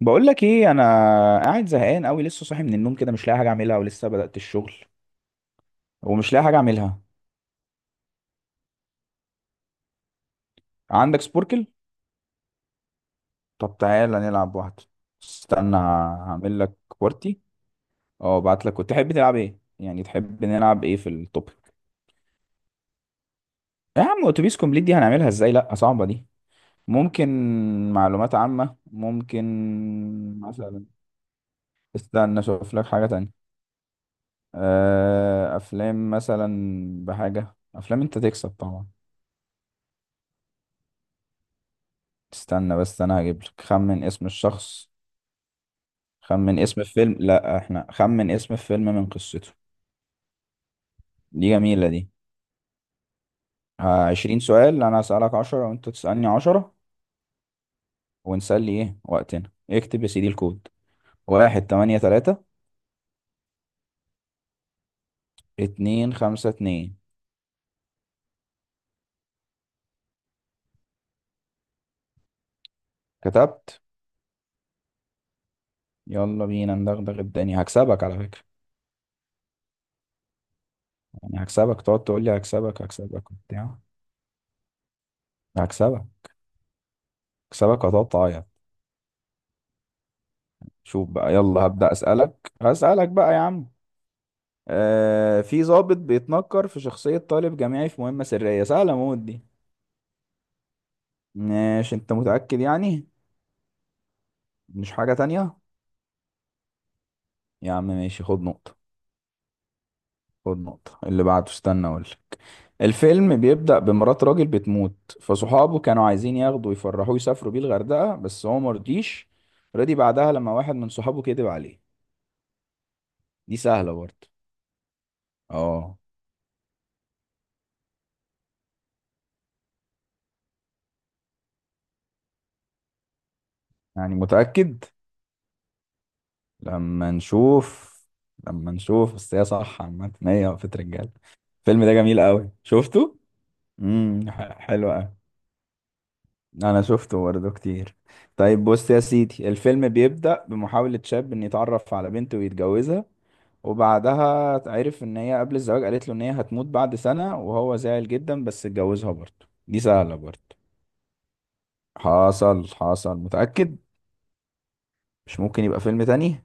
بقول لك ايه؟ انا قاعد زهقان قوي، لسه صاحي من النوم كده مش لاقي حاجه اعملها، ولسه بدأت الشغل. ومش لاقي حاجه اعملها. عندك سبوركل؟ طب تعالى نلعب واحده. استنى هعمل لك كوارتي. اه ابعت لك. وتحب تلعب ايه؟ يعني تحب نلعب ايه في التوبيك؟ يا عم اتوبيس كومبليت دي هنعملها ازاي؟ لا صعبه دي. ممكن معلومات عامه، ممكن. مثلا استنى اشوف لك حاجه تانية. افلام مثلا. بحاجه افلام انت تكسب طبعا. استنى بس، انا هجيب لك خمن اسم الشخص، خمن اسم الفيلم. لا احنا خمن اسم الفيلم من قصته. دي جميلة دي. ها، 20 سؤال، انا هسألك 10 وانت تسألني 10، ونسلي ايه وقتنا. اكتب يا سيدي الكود. 1, 8, 3, 2, 5, 2. كتبت. يلا بينا ندغدغ الدنيا، هكسبك على فكرة. يعني هكسبك، تقعد تقول لي هكسبك هكسبك وبتاع. هكسبك، هكسبك وهتقعد تعيط. شوف بقى، يلا هبدأ أسألك، هسألك بقى يا عم. آه، في ضابط بيتنكر في شخصية طالب جامعي في مهمة سرية، سهلة موت دي. ماشي، انت متأكد يعني؟ مش حاجة تانية؟ يا عم ماشي، خد نقطة. خد نقطة. اللي بعده، استنى اقولك. الفيلم بيبدأ بمرات راجل بتموت، فصحابه كانوا عايزين ياخدوا يفرحوه، يسافروا بيه الغردقة بس هو مرضيش. رضي بعدها لما واحد من صحابه كذب عليه. دي سهلة برضه. اه. يعني متأكد؟ لما نشوف لما نشوف بس هي صح. عامة هي وقفة رجالة. الفيلم ده جميل قوي، شفته. امم، حلو قوي. انا شفته برضه كتير. طيب بص يا سيدي، الفيلم بيبدأ بمحاولة شاب ان يتعرف على بنت ويتجوزها، وبعدها عرف ان هي قبل الزواج قالت له ان هي هتموت بعد سنة، وهو زعل جدا بس اتجوزها برضه. دي سهلة برضه. حصل حصل، متأكد؟ مش ممكن يبقى فيلم تاني؟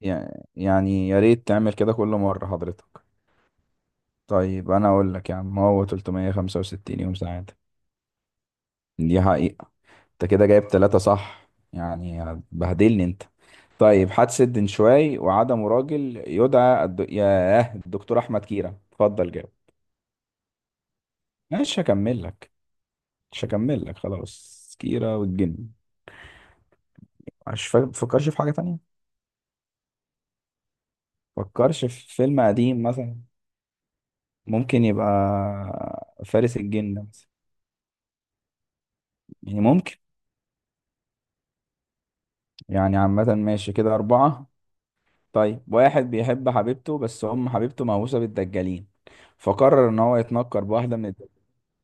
يع- يعني يا ريت تعمل كده كل مرة حضرتك. طيب انا اقول لك يا عم، هو 365 يوم سعادة. دي حقيقة. انت كده جايب 3 صح يعني. بهدلني انت. طيب، حادثة دنشواي وعدم راجل يدعى ياه، الدكتور أحمد كيرة، اتفضل جاوب. مش هكمل لك. مش هكمل لك خلاص، كيرة والجن. مش فاكر، تفكرش في حاجة تانية؟ فكرش في فيلم قديم مثلا، ممكن يبقى فارس الجن مثلا، يعني ممكن. يعني عامة ماشي، كده 4. طيب، واحد بيحب حبيبته بس أم حبيبته مهووسة بالدجالين، فقرر إن هو يتنكر بواحدة من.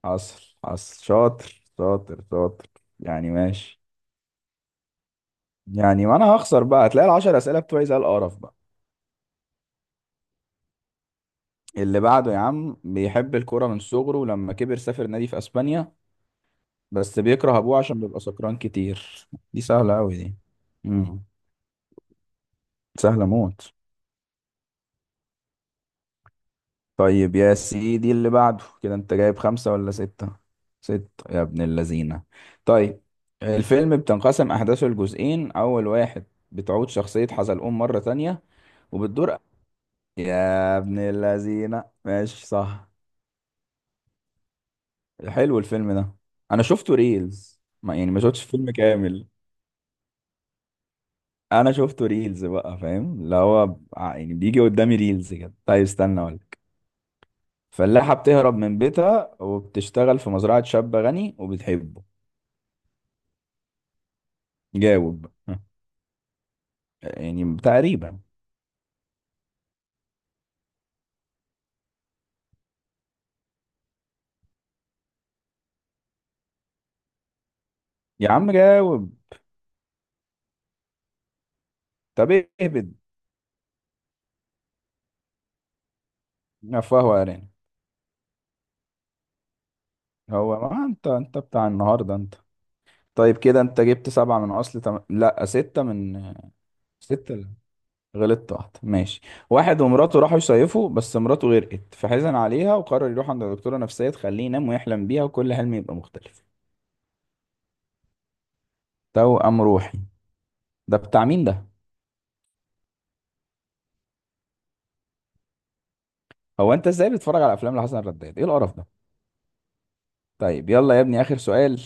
حصل حصل، شاطر شاطر شاطر. يعني ماشي. يعني ما انا هخسر بقى، هتلاقي ال10 اسئله بتوعي زي القرف بقى. اللي بعده يا عم، بيحب الكوره من صغره ولما كبر سافر نادي في اسبانيا، بس بيكره ابوه عشان بيبقى سكران كتير. دي سهله قوي دي. امم. سهله موت. طيب يا سيدي، اللي بعده. كده انت جايب 5 ولا 6؟ 6 يا ابن اللذينه. طيب، الفيلم بتنقسم احداثه لجزئين. اول واحد بتعود شخصيه حزلقوم مره تانية، وبتدور. يا ابن اللذينة ماشي صح. حلو الفيلم ده. انا شفته ريلز، ما يعني ما شفتش فيلم كامل. انا شفته ريلز بقى، فاهم اللي هو، يعني بيجي قدامي ريلز كده. طيب استنى اقولك. فلاحة بتهرب من بيتها وبتشتغل في مزرعة شاب غني وبتحبه. جاوب ها. يعني تقريبا. يا عم جاوب. طب اهبد. فهو ارانب. هو ما انت بتاع النهارده انت. طيب كده انت جبت 7 من اصل لا، 6 من 6. غلطت واحدة ماشي. واحد ومراته راحوا يصيفوا بس مراته غرقت، فحزن عليها وقرر يروح عند دكتورة نفسية تخليه ينام ويحلم بيها، وكل حلم يبقى مختلف. توأم روحي ده، بتاع مين ده؟ هو انت ازاي بتتفرج على افلام لحسن الرداد؟ ايه القرف ده؟ طيب يلا يا ابني، اخر سؤال.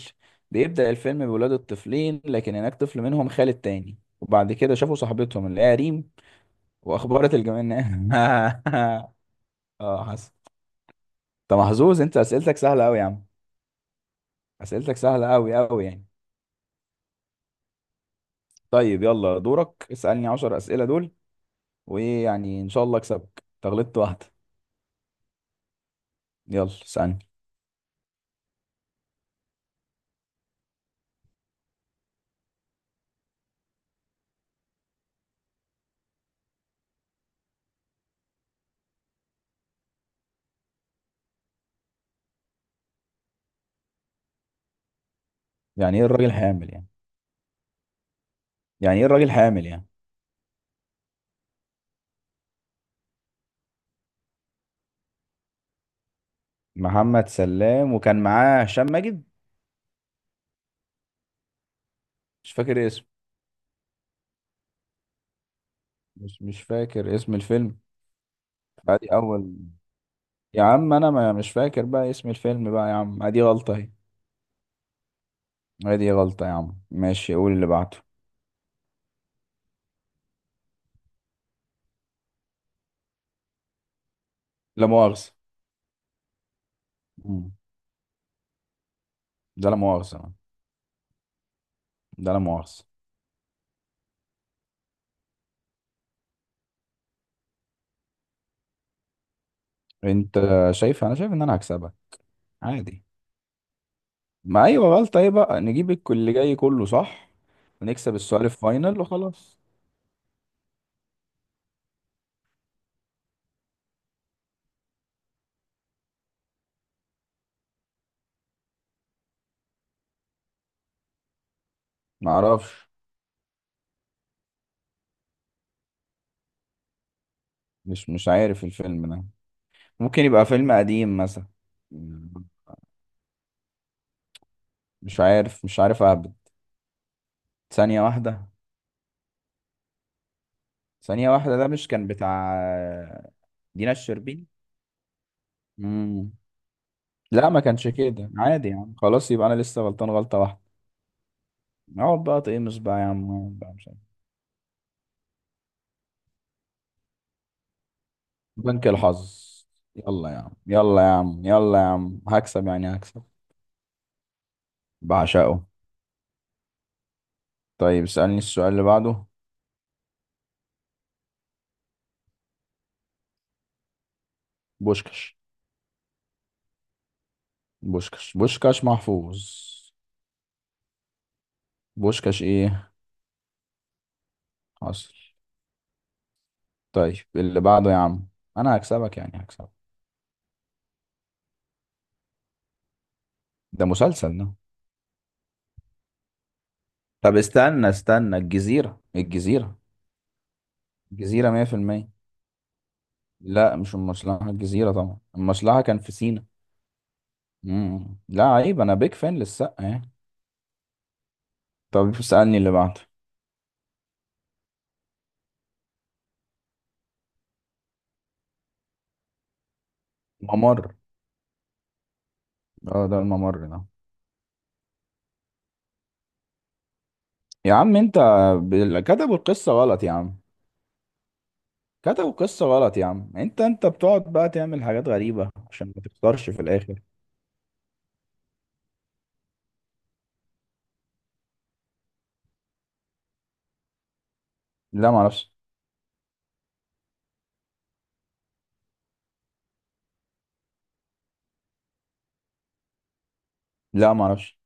بيبدأ الفيلم بولاد الطفلين، لكن هناك طفل منهم خالد تاني، وبعد كده شافوا صاحبتهم اللي هي ريم، واخبرت الجميع انها اه، حسن. انت محظوظ انت، اسئلتك سهلة قوي يا عم. اسئلتك سهلة قوي قوي يعني. طيب يلا دورك، اسألني 10 أسئلة دول. وإيه يعني، إن شاء الله أكسبك، تغلطت واحدة. يلا اسألني. يعني إيه الراجل حامل يعني؟ يعني إيه الراجل حامل يعني؟ محمد سلام، وكان معاه هشام ماجد. مش فاكر اسمه. مش فاكر اسم الفيلم. ادي اول. يا عم انا ما مش فاكر بقى اسم الفيلم بقى يا عم، ادي غلطة اهي. ادي غلطة يا عم ماشي، قول اللي بعده. لا مؤاخذة. مم. ده لا مؤاخذة. ده لا مؤاخذة. انت شايف، انا شايف ان انا هكسبك. عادي. ما ايوه غلطة، ايه بقى؟ نجيب الكل اللي جاي كله صح، ونكسب السؤال الفاينل وخلاص. ما اعرفش. مش عارف الفيلم ده. ممكن يبقى فيلم قديم مثلا. مم. مش عارف، مش عارف، اهبط. ثانية واحدة. ثانية واحدة، ده مش كان بتاع دينا الشربيني؟ مم. لا ما كانش كده، عادي يعني خلاص، يبقى انا لسه غلطان غلطة واحدة. اقعد بقى تقمص بقى يا عم، اقعد بقى مش عارف. بنك الحظ. يلا يا عم، يلا يا عم، يلا يا عم، هكسب يعني هكسب. بعشقه. طيب اسألني السؤال اللي بعده. بوشكش. بوشكش محفوظ. بوشكش ايه؟ حصل. طيب اللي بعده يا عم، انا هكسبك يعني هكسبك. ده مسلسل ده. طب استنى استنى، الجزيرة، الجزيرة. الجزيرة 100%. لا مش المصلحة، الجزيرة طبعا. المصلحة كان في سينا. مم. لا عيب، انا بيك فان للسقا يعني. طب اسألني اللي بعده. ممر. اه ده الممر ده. يا عم انت، كتبوا القصة غلط يا عم. كتبوا قصة غلط يا عم، انت بتقعد بقى تعمل حاجات غريبة عشان ما تخسرش في الاخر. لا معرفش. لا معرفش.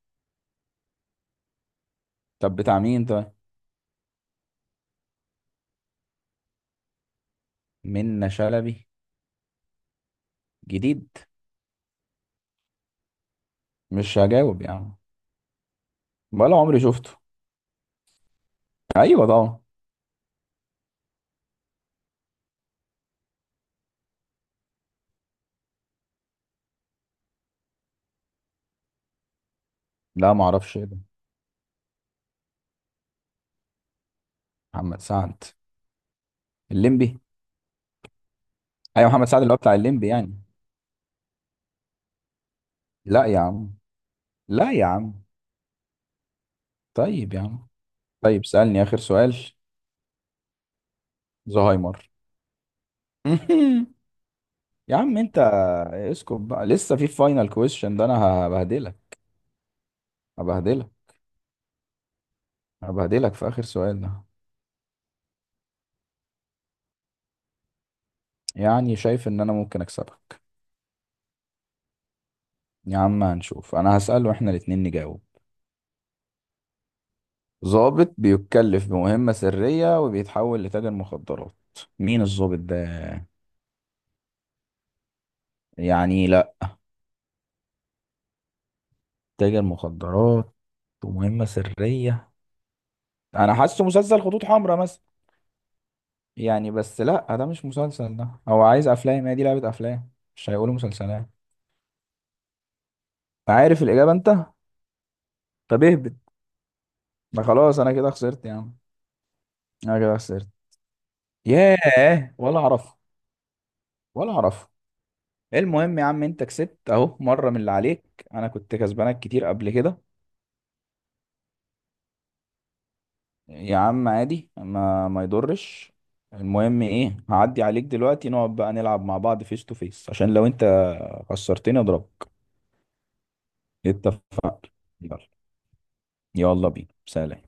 طب بتاع مين طيب؟ منة شلبي؟ جديد. مش هجاوب يا عم. ولا عمري شفته. ايوه طبعا. لا معرفش ايه ده. محمد سعد؟ الليمبي؟ ايوه محمد سعد اللي هو بتاع الليمبي يعني. لا يا عم. لا يا عم. طيب يا عم. طيب سألني اخر سؤال. زهايمر. يا عم انت. اسكت بقى، لسه في فاينل كويشن ده انا. هبهدلك. هبهدلك. هبهدلك في آخر سؤال ده. يعني شايف إن أنا ممكن أكسبك. يا عم هنشوف، أنا هسأله وإحنا ال2 نجاوب. ضابط بيتكلف بمهمة سرية وبيتحول لتاجر مخدرات، مين الضابط ده؟ يعني لأ. تاجر مخدرات، ومهمة سرية. أنا حاسه مسلسل خطوط حمراء مثلا. يعني بس لأ، ده مش مسلسل، ده هو عايز أفلام، هي دي لعبة أفلام، مش هيقولوا مسلسلات. عارف الإجابة أنت؟ طب اهبط. ما خلاص أنا كده خسرت يا عم. أنا كده خسرت. ياه، ولا أعرف، ولا أعرف. المهم يا عم انت كسبت اهو، مرة من اللي عليك. انا كنت كسبانك كتير قبل كده. يا عم عادي، ما يضرش. المهم ايه، هعدي عليك دلوقتي نقعد بقى نلعب مع بعض فيس تو فيس، عشان لو انت خسرتني اضربك. اتفقنا. يلا. يلا بينا، سلام.